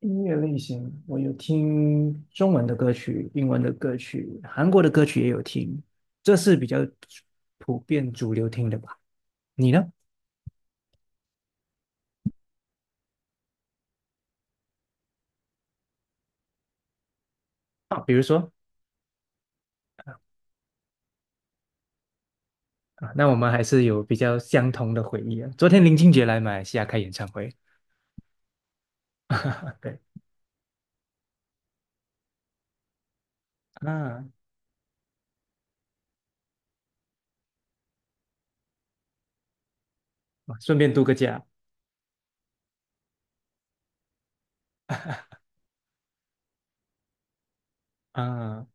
音乐类型，我有听中文的歌曲、英文的歌曲、韩国的歌曲也有听，这是比较普遍主流听的吧？你呢？啊，比如说啊，那我们还是有比较相同的回忆啊。昨天林俊杰来马来西亚开演唱会，对啊，哦顺便度个假啊。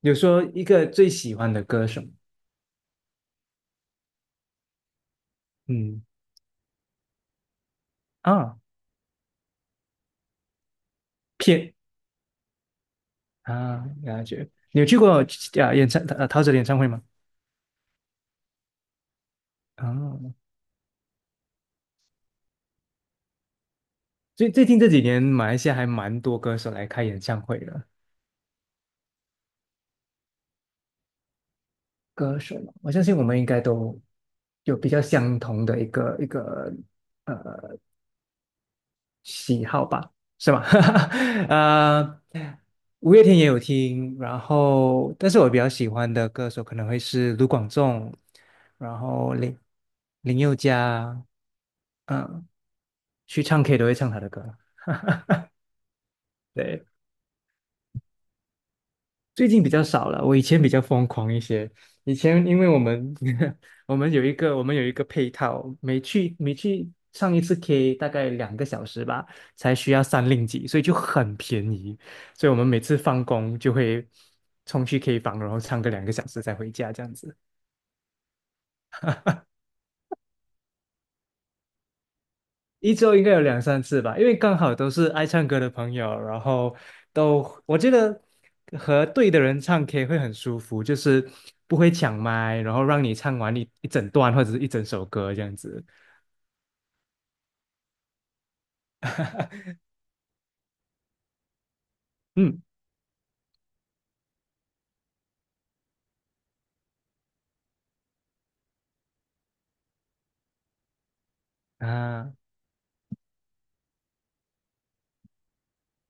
有说一个最喜欢的歌手，嗯啊，片啊，感觉，你有去过啊演唱陶喆的演唱会吗？啊。最近这几年，马来西亚还蛮多歌手来开演唱会的。歌手嘛，我相信我们应该都有比较相同的一个喜好吧，是吧？呃，五月天也有听，然后但是我比较喜欢的歌手可能会是卢广仲，然后林宥嘉，嗯，去唱 K 都会唱他的歌。对，最近比较少了，我以前比较疯狂一些。以前因为我们 我们有一个配套，每去上一次 K 大概两个小时吧，才需要三令几，所以就很便宜。所以我们每次放工就会冲去 K 房，然后唱个两个小时才回家这样子。一周应该有两三次吧，因为刚好都是爱唱歌的朋友，然后我觉得和对的人唱 K 会很舒服，就是不会抢麦，然后让你唱完一整段或者是一整首歌这样子。嗯啊，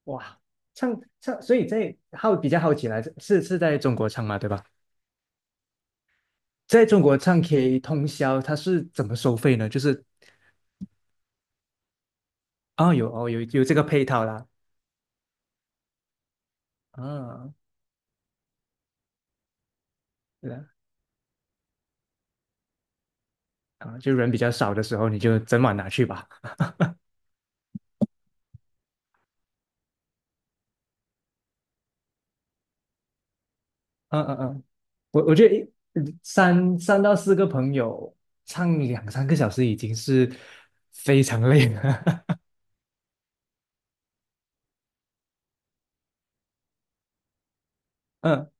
哇，唱唱，所以在好比较好奇来，是在中国唱吗？对吧？在中国唱 K 通宵，它是怎么收费呢？就是哦，有哦，有这个配套啦，啊，对啊，啊，就人比较少的时候，你就整晚拿去吧。嗯嗯嗯，我觉得三到四个朋友唱两三个小时已经是非常累了。嗯，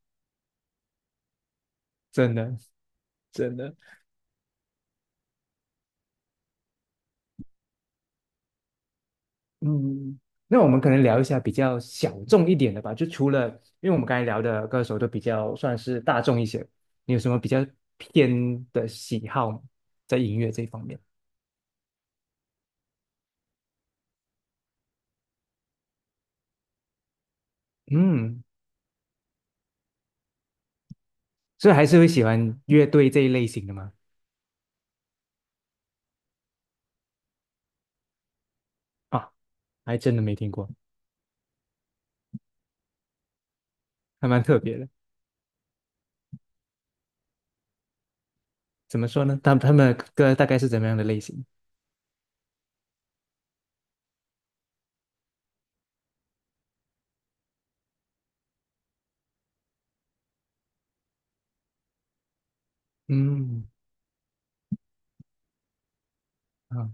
真的真的，嗯，那我们可能聊一下比较小众一点的吧，就除了因为我们刚才聊的歌手都比较算是大众一些，你有什么比较偏的喜好吗？在音乐这一方面？嗯，所以还是会喜欢乐队这一类型的吗？啊，还真的没听过，还蛮特别的。怎么说呢？他们的歌大概是怎么样的类型？嗯，啊、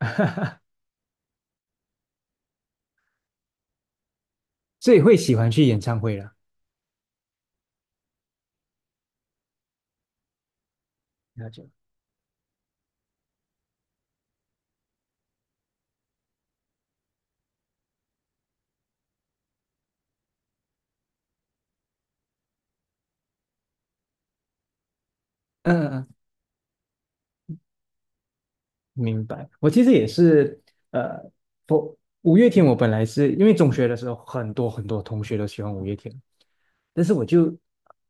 所以会喜欢去演唱会啦。了解。嗯嗯，嗯明白。我其实也是，呃，我五月天，我本来是因为中学的时候，很多同学都喜欢五月天，但是我就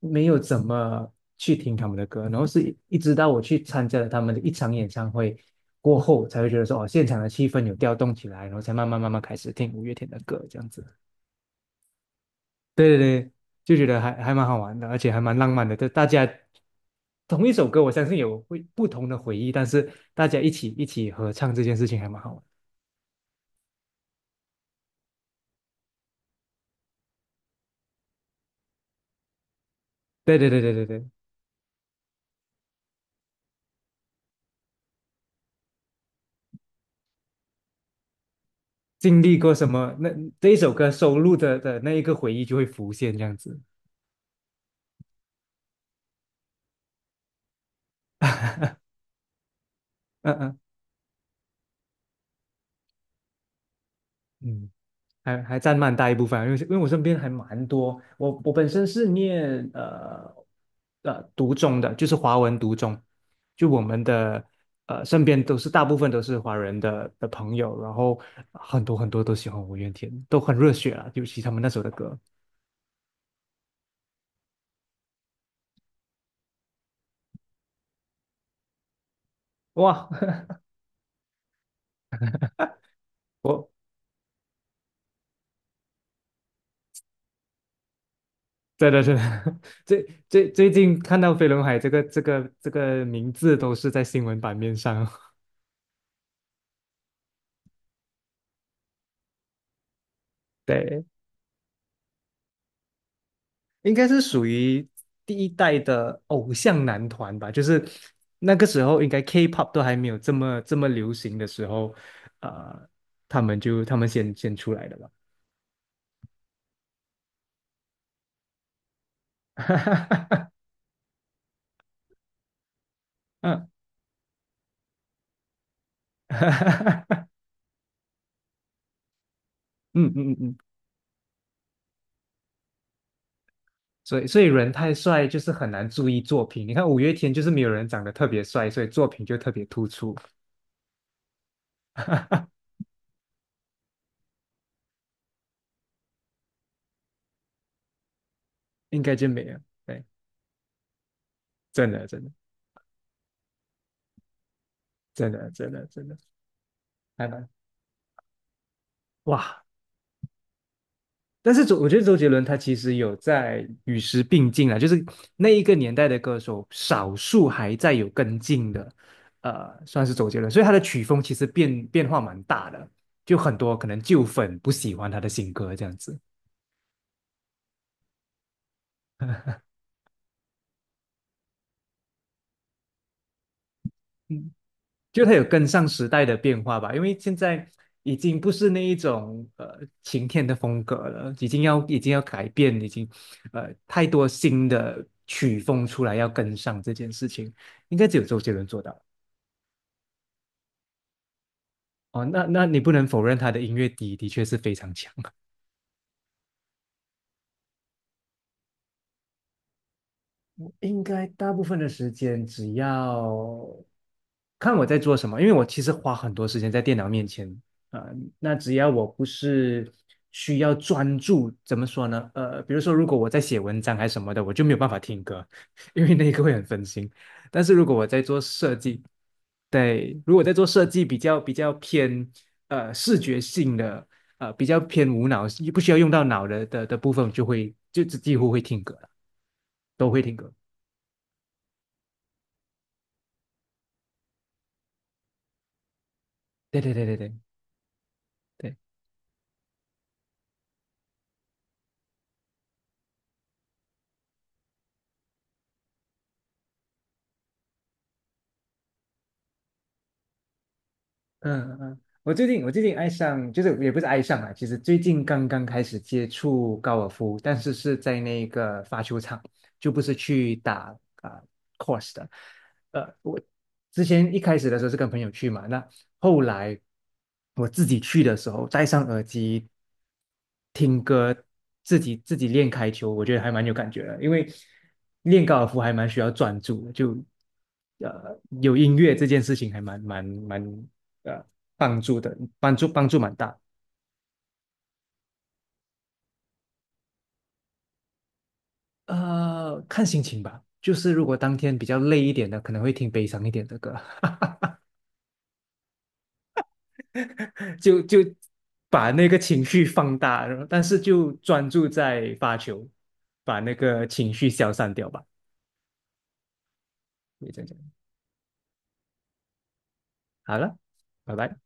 没有怎么去听他们的歌，然后是一直到我去参加了他们的一场演唱会过后，才会觉得说，哦，现场的气氛有调动起来，然后才慢慢开始听五月天的歌，这样子。对对对，就觉得还蛮好玩的，而且还蛮浪漫的。就大家同一首歌，我相信有会不同的回忆，但是大家一起合唱这件事情还蛮好玩。对对对对对对，经历过什么，那这一首歌收录的那一个回忆就会浮现这样子。嗯嗯嗯。还还占蛮大一部分啊因为我身边还蛮多，我本身是念读中的，就是华文读中，就我们的呃身边都是大部分都是华人的朋友，然后很多都喜欢五月天，都很热血啊，尤其他们那首的歌，哇，我真的真的 最近看到飞轮海这个名字都是在新闻版面上，对。应该是属于第一代的偶像男团吧，就是那个时候应该 K-pop 都还没有这么流行的时候，呃，他们先出来的吧。嗯，哈哈哈嗯嗯嗯，所以人太帅就是很难注意作品。你看五月天就是没有人长得特别帅，所以作品就特别突出，应该就没有。对，真的真的真的真的真的，还蛮哇。但是周，我觉得周杰伦他其实有在与时并进啊，就是那一个年代的歌手，少数还在有跟进的，算是周杰伦，所以他的曲风其实变化蛮大的，就很多可能旧粉不喜欢他的新歌这样子，嗯，就他有跟上时代的变化吧，因为现在已经不是那一种呃晴天的风格了，已经要改变，已经呃太多新的曲风出来要跟上这件事情，应该只有周杰伦做到。哦，那你不能否认他的音乐底的确是非常强。应该大部分的时间，只要看我在做什么，因为我其实花很多时间在电脑面前啊、呃那只要我不是需要专注，怎么说呢？呃，比如说如果我在写文章还是什么的，我就没有办法听歌，因为那个会很分心。但是如果我在做设计，对，如果在做设计比较偏呃视觉性的，呃比较偏无脑，不需要用到脑的部分，就几乎会听歌了，都会听歌。对对对对对对，嗯嗯，我最近爱上，就是也不是爱上啊，其实最近刚刚开始接触高尔夫，但是是在那个发球场，就不是去打啊、course 的。呃，我之前一开始的时候是跟朋友去嘛，那后来我自己去的时候，戴上耳机听歌，自己练开球，我觉得还蛮有感觉的，因为练高尔夫还蛮需要专注的，就呃有音乐这件事情还蛮蛮蛮呃帮助的，帮助蛮大。呃，看心情吧，就是如果当天比较累一点的，可能会听悲伤一点的歌。就把那个情绪放大，然后但是就专注在发球，把那个情绪消散掉吧。可以这样讲好了，拜拜。